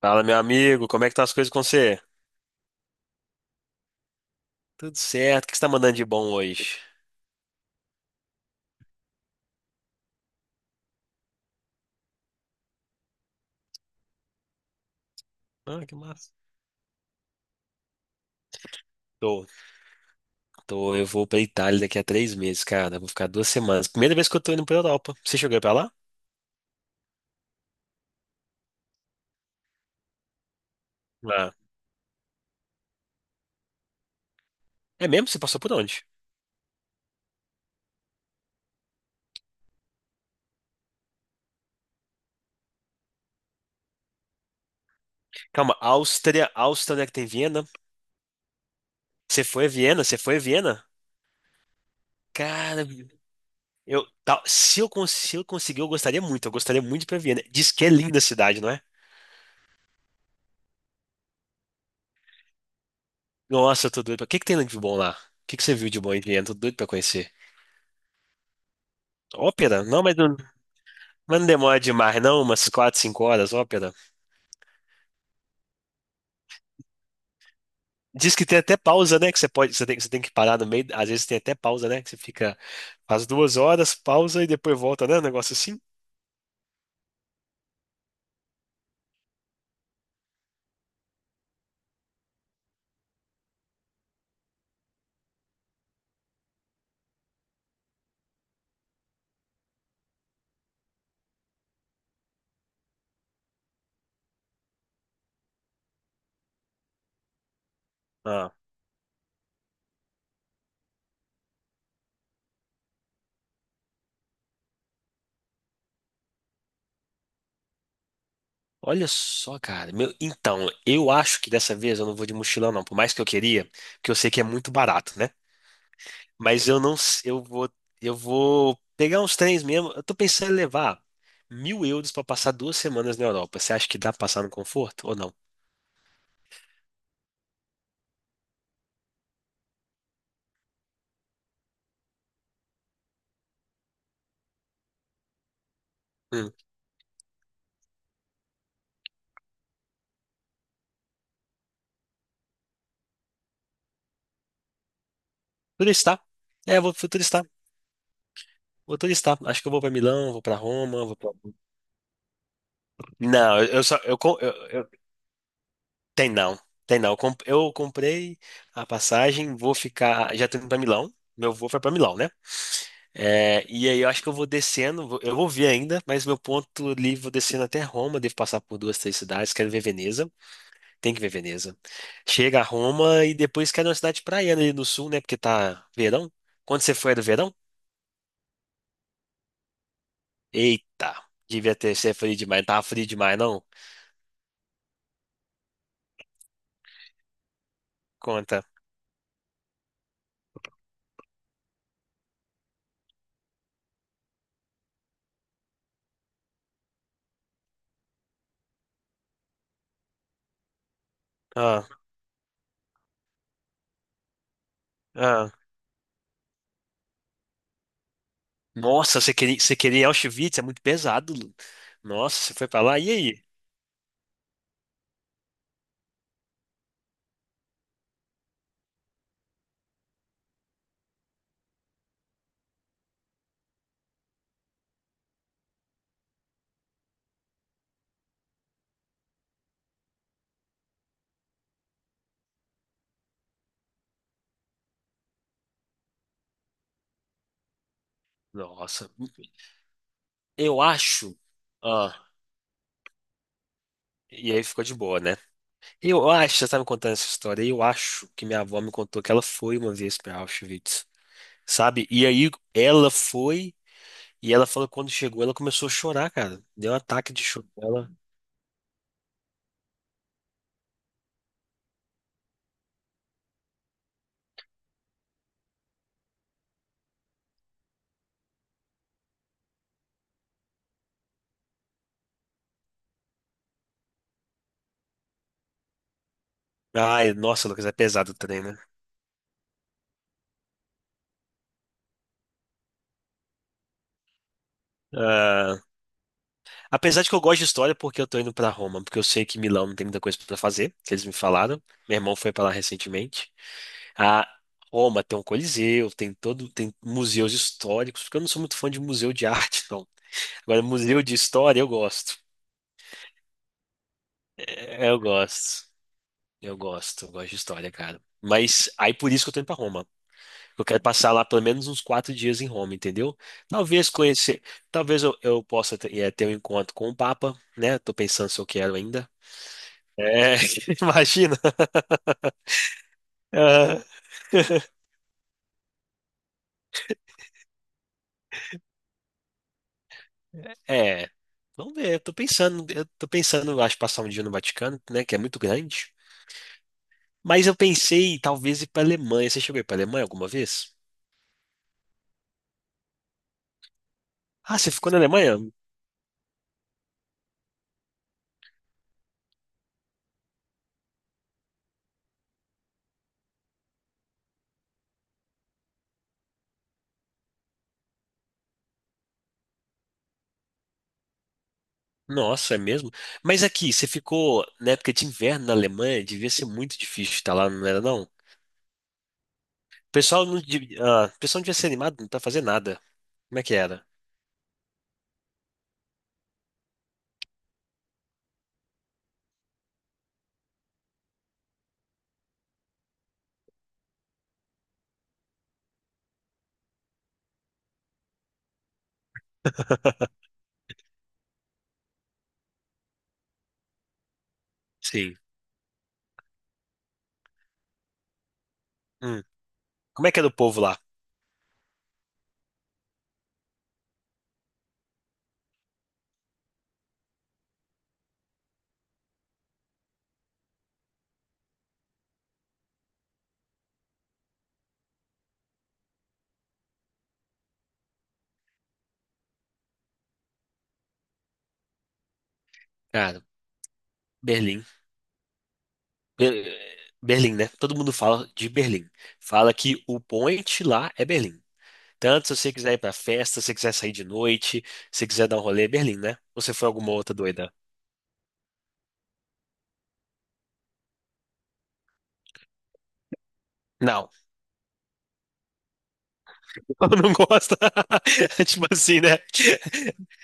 Fala, meu amigo, como é que tá as coisas com você? Tudo certo, o que você tá mandando de bom hoje? Ah, que massa. Tô, tô, eu vou pra Itália daqui a 3 meses, cara, eu vou ficar 2 semanas. Primeira vez que eu tô indo pra Europa. Você chegou aí pra lá? Ah. É mesmo? Você passou por onde? Calma, Áustria, Áustria, onde é que tem Viena? Você foi a Viena? Você foi a Viena? Cara, eu, tal- se eu, cons- se eu conseguir, eu gostaria muito de ir pra Viena. Diz que é linda a cidade, não é? Nossa, eu tô doido. O que que tem de bom lá? O que que você viu de bom em Viena? Tô doido pra conhecer. Ópera? Não, mas não. Mas não demora demais, não? Umas 4 ou 5 horas, ópera. Diz que tem até pausa, né? Que você pode, você tem, você tem que parar no meio. Às vezes tem até pausa, né? Que você fica faz 2 horas, pausa e depois volta, né? Um negócio assim. Ah, olha só, cara. Meu, então, eu acho que dessa vez eu não vou de mochilão, não. Por mais que eu queria, porque eu sei que é muito barato, né? Mas eu não, eu vou pegar uns trens mesmo. Eu tô pensando em levar 1.000 euros pra passar 2 semanas na Europa. Você acha que dá pra passar no conforto ou não? Hum. Turistar. É, eu vou fui turistar. Vou turistar. Acho que eu vou pra Milão, vou pra Roma, vou pra. Não, eu só, eu, com- eu- tem não, tem não. Eu comprei a passagem, vou ficar, já tô indo pra Milão. Meu voo foi pra Milão, né? É, e aí eu acho que eu vou descendo, eu vou ver ainda, mas meu ponto ali, vou descendo até Roma, devo passar por 2, 3 cidades, quero ver Veneza. Tem que ver Veneza. Chega a Roma e depois quer uma cidade praiana ali no sul, né? Porque tá verão. Quando você foi, era verão? Eita, devia ter sido frio demais. Não tava frio demais, não? Conta. Ah, ah. Nossa, você queria Auschwitz? É muito pesado. Lu. Nossa, você foi pra lá? E aí? Nossa, eu acho. Ah, e aí ficou de boa, né? Eu acho, você tá me contando essa história. Eu acho que minha avó me contou que ela foi uma vez pra Auschwitz, sabe? E aí ela foi. E ela falou que quando chegou, ela começou a chorar, cara. Deu um ataque de choro nela. Ai, nossa, Lucas, é pesado o trem, né? Ah, apesar de que eu gosto de história, porque eu tô indo pra Roma, porque eu sei que Milão não tem muita coisa pra fazer, que eles me falaram. Meu irmão foi pra lá recentemente. A Roma tem um coliseu, tem museus históricos, porque eu não sou muito fã de museu de arte, não. Agora, museu de história eu gosto. É, Eu gosto, eu gosto, de história, cara. Mas aí por isso que eu tô indo pra Roma. Eu quero passar lá pelo menos uns 4 dias em Roma, entendeu? Talvez conhecer, talvez eu possa ter um encontro com o Papa, né? Tô pensando se eu quero ainda. É, imagina. Ah, é, vamos ver. Eu tô pensando, eu acho, passar um dia no Vaticano, né? Que é muito grande. Mas eu pensei, talvez, ir pra Alemanha. Você chegou a ir pra Alemanha alguma vez? Ah, você ficou na Alemanha? Nossa, é mesmo? Mas aqui, você ficou na época de inverno na Alemanha, devia ser muito difícil estar lá, não era não? O pessoal não, o pessoal não devia ser animado pra fazer nada. Como é que era? Sim. Hum. Como é que era o povo lá? Cara, Berlim. Be- Berlim, né? Todo mundo fala de Berlim. Fala que o point lá é Berlim. Tanto se você quiser ir pra festa, se você quiser sair de noite, se você quiser dar um rolê, é Berlim, né? Ou você foi alguma outra doida? Não. Eu não gosta. Tipo assim, né?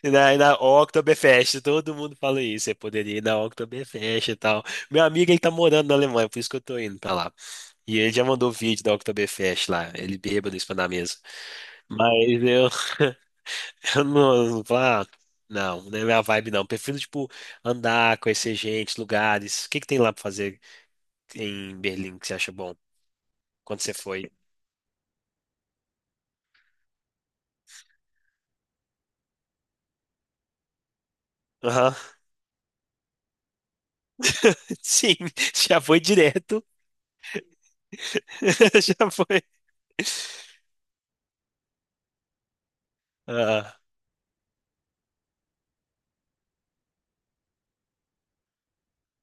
E na Oktoberfest, todo mundo fala isso. Você poderia ir na Oktoberfest e tal. Meu amigo, ele tá morando na Alemanha, por isso que eu tô indo pra lá. E ele já mandou vídeo da Oktoberfest lá, ele bêbado em cima da mesa. Mas eu, eu não, não falo, não, não é minha vibe não. Prefiro, tipo, andar, conhecer gente, lugares. O que que tem lá pra fazer em Berlim que você acha bom? Quando você foi? Aham. Sim, já foi direto. Já foi. Ah,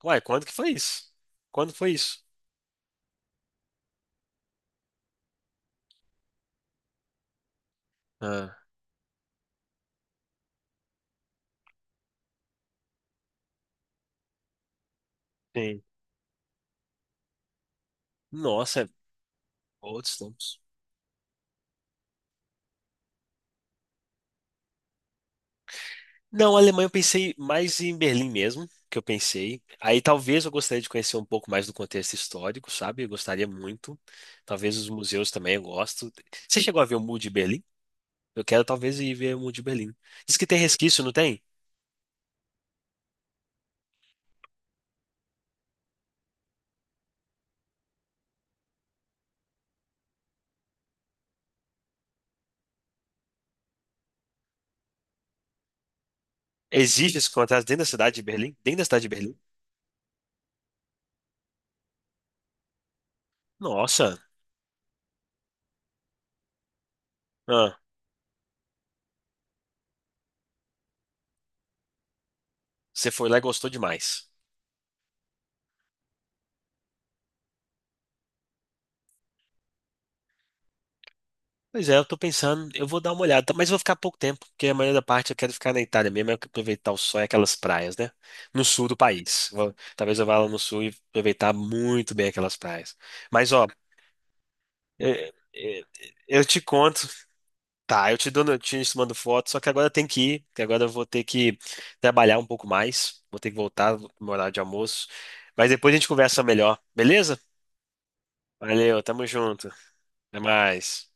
uai, quando que foi isso? Quando foi isso? Ah, sim. Nossa, é outros tempos. Não, Alemanha eu pensei mais em Berlim mesmo, que eu pensei. Aí talvez eu gostaria de conhecer um pouco mais do contexto histórico, sabe? Eu gostaria muito. Talvez os museus também eu gosto. Você chegou a ver o Muro de Berlim? Eu quero talvez ir ver o Muro de Berlim. Diz que tem resquício, não tem? Existe esse contrato dentro da cidade de Berlim? Dentro da cidade de Berlim? Nossa, ah, você foi lá e gostou demais. Pois é, eu tô pensando, eu vou dar uma olhada, mas vou ficar pouco tempo, porque a maioria da parte eu quero ficar na Itália mesmo, eu quero aproveitar o sol e aquelas praias, né? No sul do país. Talvez eu vá lá no sul e aproveitar muito bem aquelas praias. Mas, ó, é- é- eu, te conto, tá, eu te dou notícias, te mando foto, só que agora eu tenho que ir, que agora eu vou ter que trabalhar um pouco mais, vou ter que voltar no meu horário de almoço, mas depois a gente conversa melhor, beleza? Valeu, tamo junto, até mais.